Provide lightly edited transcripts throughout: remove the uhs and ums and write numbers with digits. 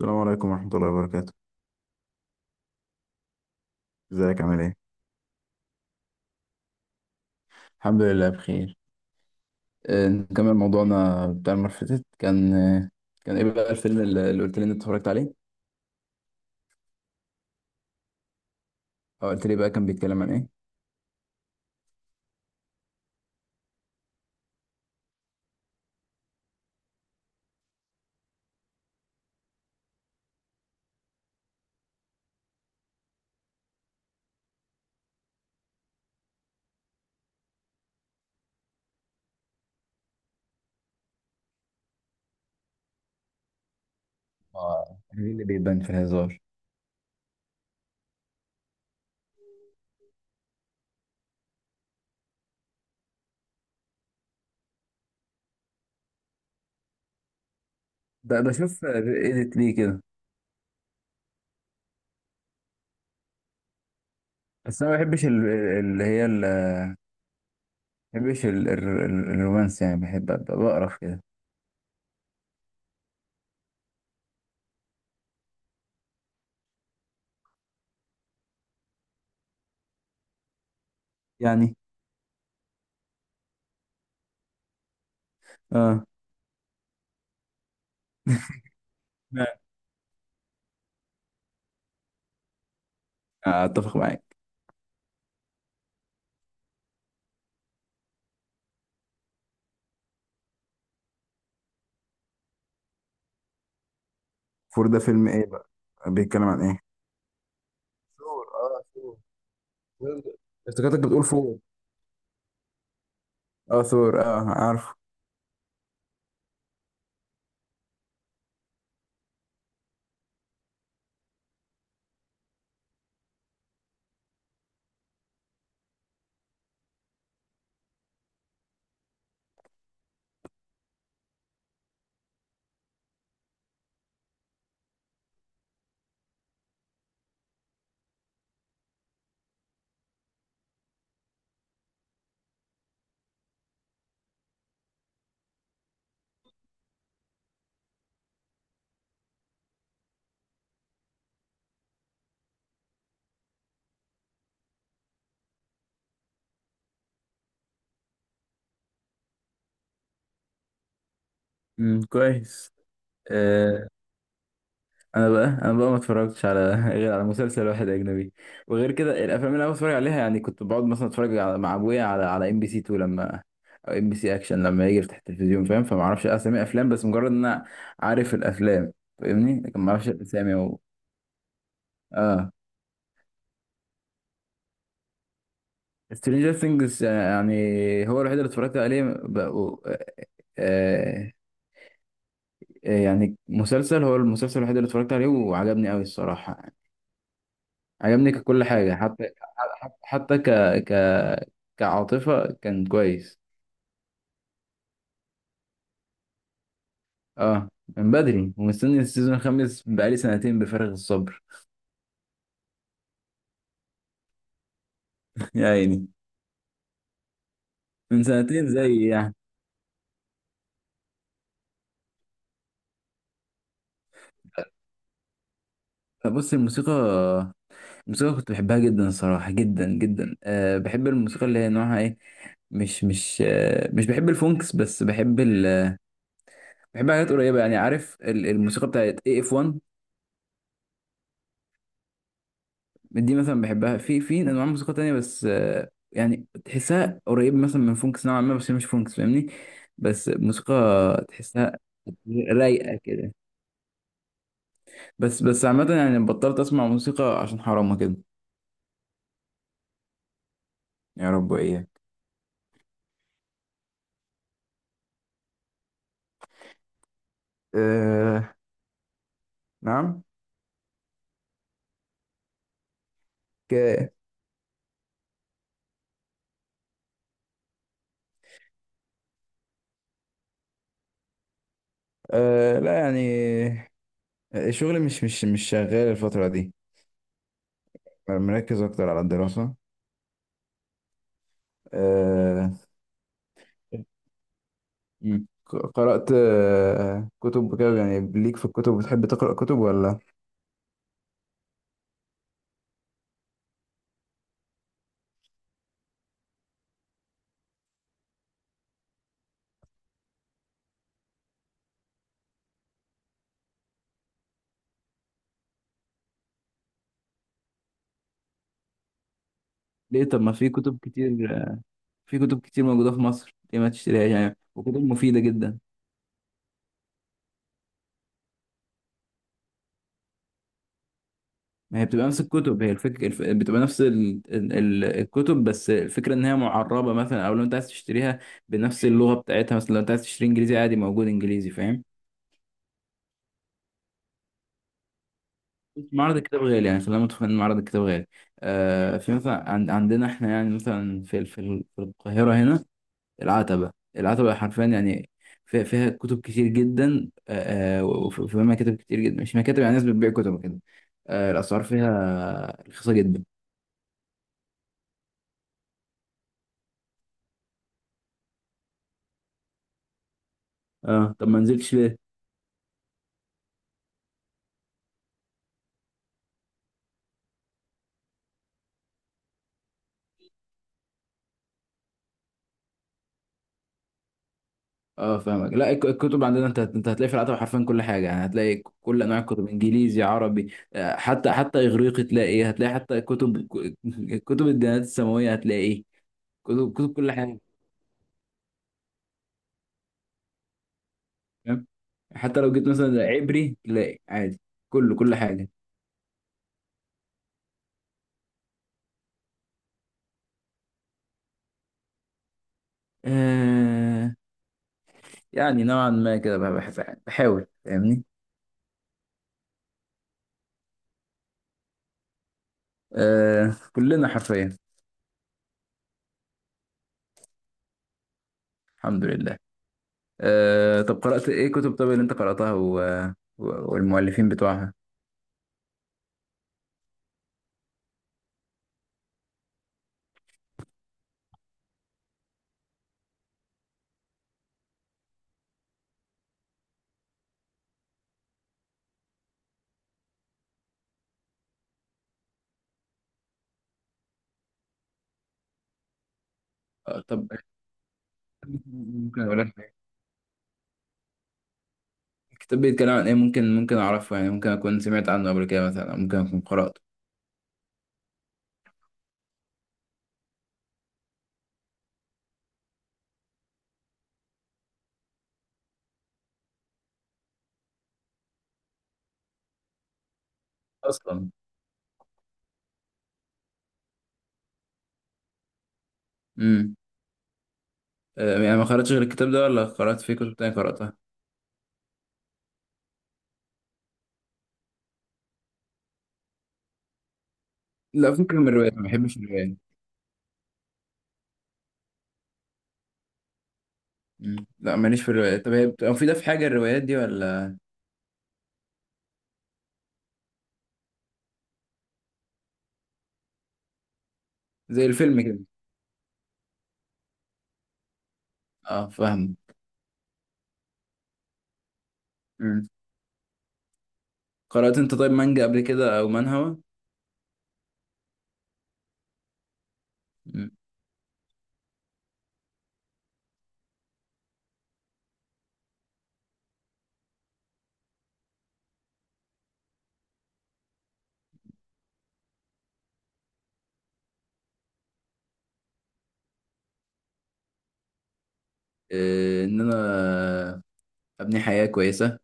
السلام عليكم ورحمة الله وبركاته. ازيك عامل ايه؟ الحمد لله بخير. نكمل موضوعنا بتاع المرة اللي فاتت. كان ايه بقى الفيلم اللي قلت لي إن انت اتفرجت عليه، او قلت لي بقى كان بيتكلم عن ايه. اه، ايه اللي بيبان في الهزار؟ ده شوف، ايديت ليه كده. بس انا ما بحبش ما بحبش الرومانس، يعني بحب ابقى بقرف كده يعني. اه اتفق معاك. فور ده فيلم ايه بقى؟ بيتكلم عن ايه؟ سور، اه، سور. افتكرتك بتقول فور. اه، ثور، اه، عارفه. كويس. آه. انا بقى ما اتفرجتش على غير على مسلسل واحد اجنبي، وغير كده الافلام اللي انا بتفرج عليها يعني. كنت بقعد مثلا اتفرج، على مع ابويا، على ام بي سي 2 لما، او ام بي سي اكشن لما يجي يفتح التلفزيون، فاهم؟ فما اعرفش اسامي افلام، بس مجرد ان انا عارف الافلام فاهمني، لكن ما اعرفش الاسامي و... اه، سترينجر ثينجز يعني، هو الوحيد اللي اتفرجت عليه بقى... آه... يعني مسلسل، هو المسلسل الوحيد اللي اتفرجت عليه وعجبني قوي الصراحة. عجبني ككل حاجة، حتى حتى حتى ك ك كعاطفة كان كويس. اه. من بدري ومستني السيزون الخامس بقالي سنتين بفارغ الصبر. يا عيني، من سنتين زي يعني. بص، الموسيقى، كنت بحبها جدا الصراحة، جدا جدا. أه، بحب الموسيقى اللي هي نوعها ايه، مش بحب الفونكس، بس بحب حاجات قريبة. يعني عارف الموسيقى بتاعت اي اف 1، دي مثلا بحبها. في انواع موسيقى تانية، بس يعني تحسها قريب مثلا من فونكس نوعا ما، بس هي مش فونكس فاهمني، بس موسيقى تحسها رايقة كده. بس عامة يعني بطلت اسمع موسيقى عشان حرام كده. يا رب واياك. أه. نعم. ك أه لا يعني الشغل مش شغال الفترة دي، مركز اكتر على الدراسة. أه. مم. قرأت كتب وكده يعني، ليك في الكتب؟ بتحب تقرأ كتب ولا؟ ليه؟ طب ما في كتب كتير، في كتب كتير موجودة في مصر، ليه ما تشتريهاش يعني؟ وكتب مفيدة جدا. ما هي بتبقى نفس الكتب، هي الفكرة، بتبقى نفس الكتب، بس الفكرة ان هي معربة مثلا، او لو انت عايز تشتريها بنفس اللغة بتاعتها، مثلا لو انت عايز تشتري انجليزي، عادي موجود انجليزي، فاهم. معرض الكتاب غالي يعني، خلينا متفقين ان معرض الكتاب غالي. في مثلا عندنا احنا، يعني مثلا في القاهرة هنا، العتبة. حرفيا يعني فيها كتب كتير جدا، وفيها مكاتب كتير جدا، مش مكاتب يعني، ناس بتبيع كتب كده. الأسعار فيها رخيصة جدا. اه، طب ما نزلتش ليه؟ اه، فاهمك. لا الكتب عندنا، انت هتلاقي في العتبة حرفيا كل حاجة، يعني هتلاقي كل انواع الكتب، انجليزي، عربي، حتى اغريقي، تلاقي إيه؟ هتلاقي حتى كتب كتب الديانات السماوية، هتلاقي إيه؟ كتب كل حاجة، فاهم. حتى لو جيت مثلا عبري تلاقي عادي. كله كل حاجة، يعني نوعا ما كده بقى، بحب بحاول فاهمني. آه كلنا حرفيا. الحمد لله. طب قرأت ايه كتب؟ طب اللي انت قرأتها والمؤلفين بتوعها. طب ممكن اقول لك حاجة. الكتاب بيتكلم عن ايه؟ ممكن اعرفه يعني؟ ممكن اكون سمعت عنه قبل كده مثلا، أو ممكن اكون قرأته اصلا. امم يعني ما قرأتش غير الكتاب ده ولا قرأت فيه كتب تانية قرأتها؟ لا فكك من الروايات، ما بحبش الروايات. مم. لا ماليش في الروايات. طب هي بتبقى مفيدة في حاجة الروايات دي ولا؟ زي الفيلم كده. اه، فاهم. قرأت انت طيب مانجا قبل كده او منهوا؟ مم. ان انا ابني حياة كويسة،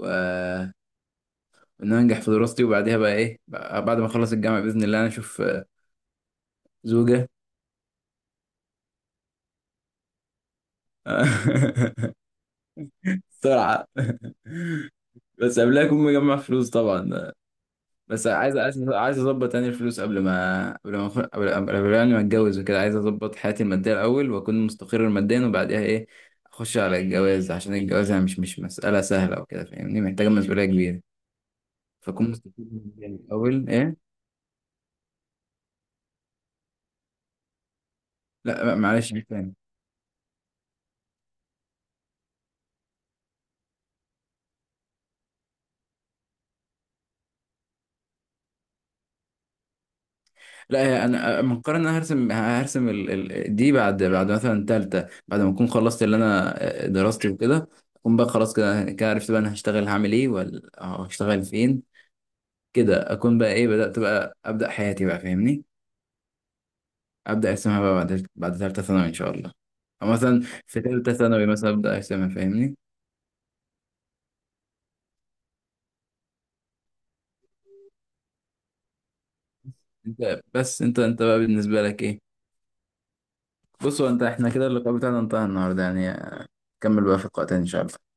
وان انا انجح في دراستي، وبعديها بقى ايه بعد ما اخلص الجامعة بإذن الله انا اشوف زوجة. بسرعة. بس قبلها اكون مجمع فلوس طبعا. بس عايز اظبط تاني الفلوس، قبل ما قبل ما أخ- قبل قبل قبل يعني ما اتجوز وكده. عايز اظبط حياتي المادية الاول واكون مستقر ماديا، وبعديها ايه، اخش على الجواز، عشان الجواز يعني مش مسألة سهلة وكده فاهمني، محتاجة مسؤولية كبيرة، فاكون مستفيد من يعني اول ايه. لا، معلش عيد تاني. لا هي أنا مقرر ان انا هرسم، دي بعد، مثلا تالتة، بعد ما اكون خلصت اللي انا دراستي وكده، اكون بقى خلاص كده عرفت بقى انا هشتغل هعمل ايه ولا هشتغل فين. كده اكون بقى ايه بدأت، بقى ابدأ حياتي بقى فاهمني، ابدأ ارسمها بقى بعد، تالتة ثانوي ان شاء الله. او مثلا في تالتة ثانوي مثلا ابدأ ارسمها فاهمني. انت بس، انت بقى بالنسبة لك ايه؟ بصوا انت، احنا كده اللقاء بتاعنا انتهى النهارده يعني، كمل بقى في لقاء تاني إن شاء الله.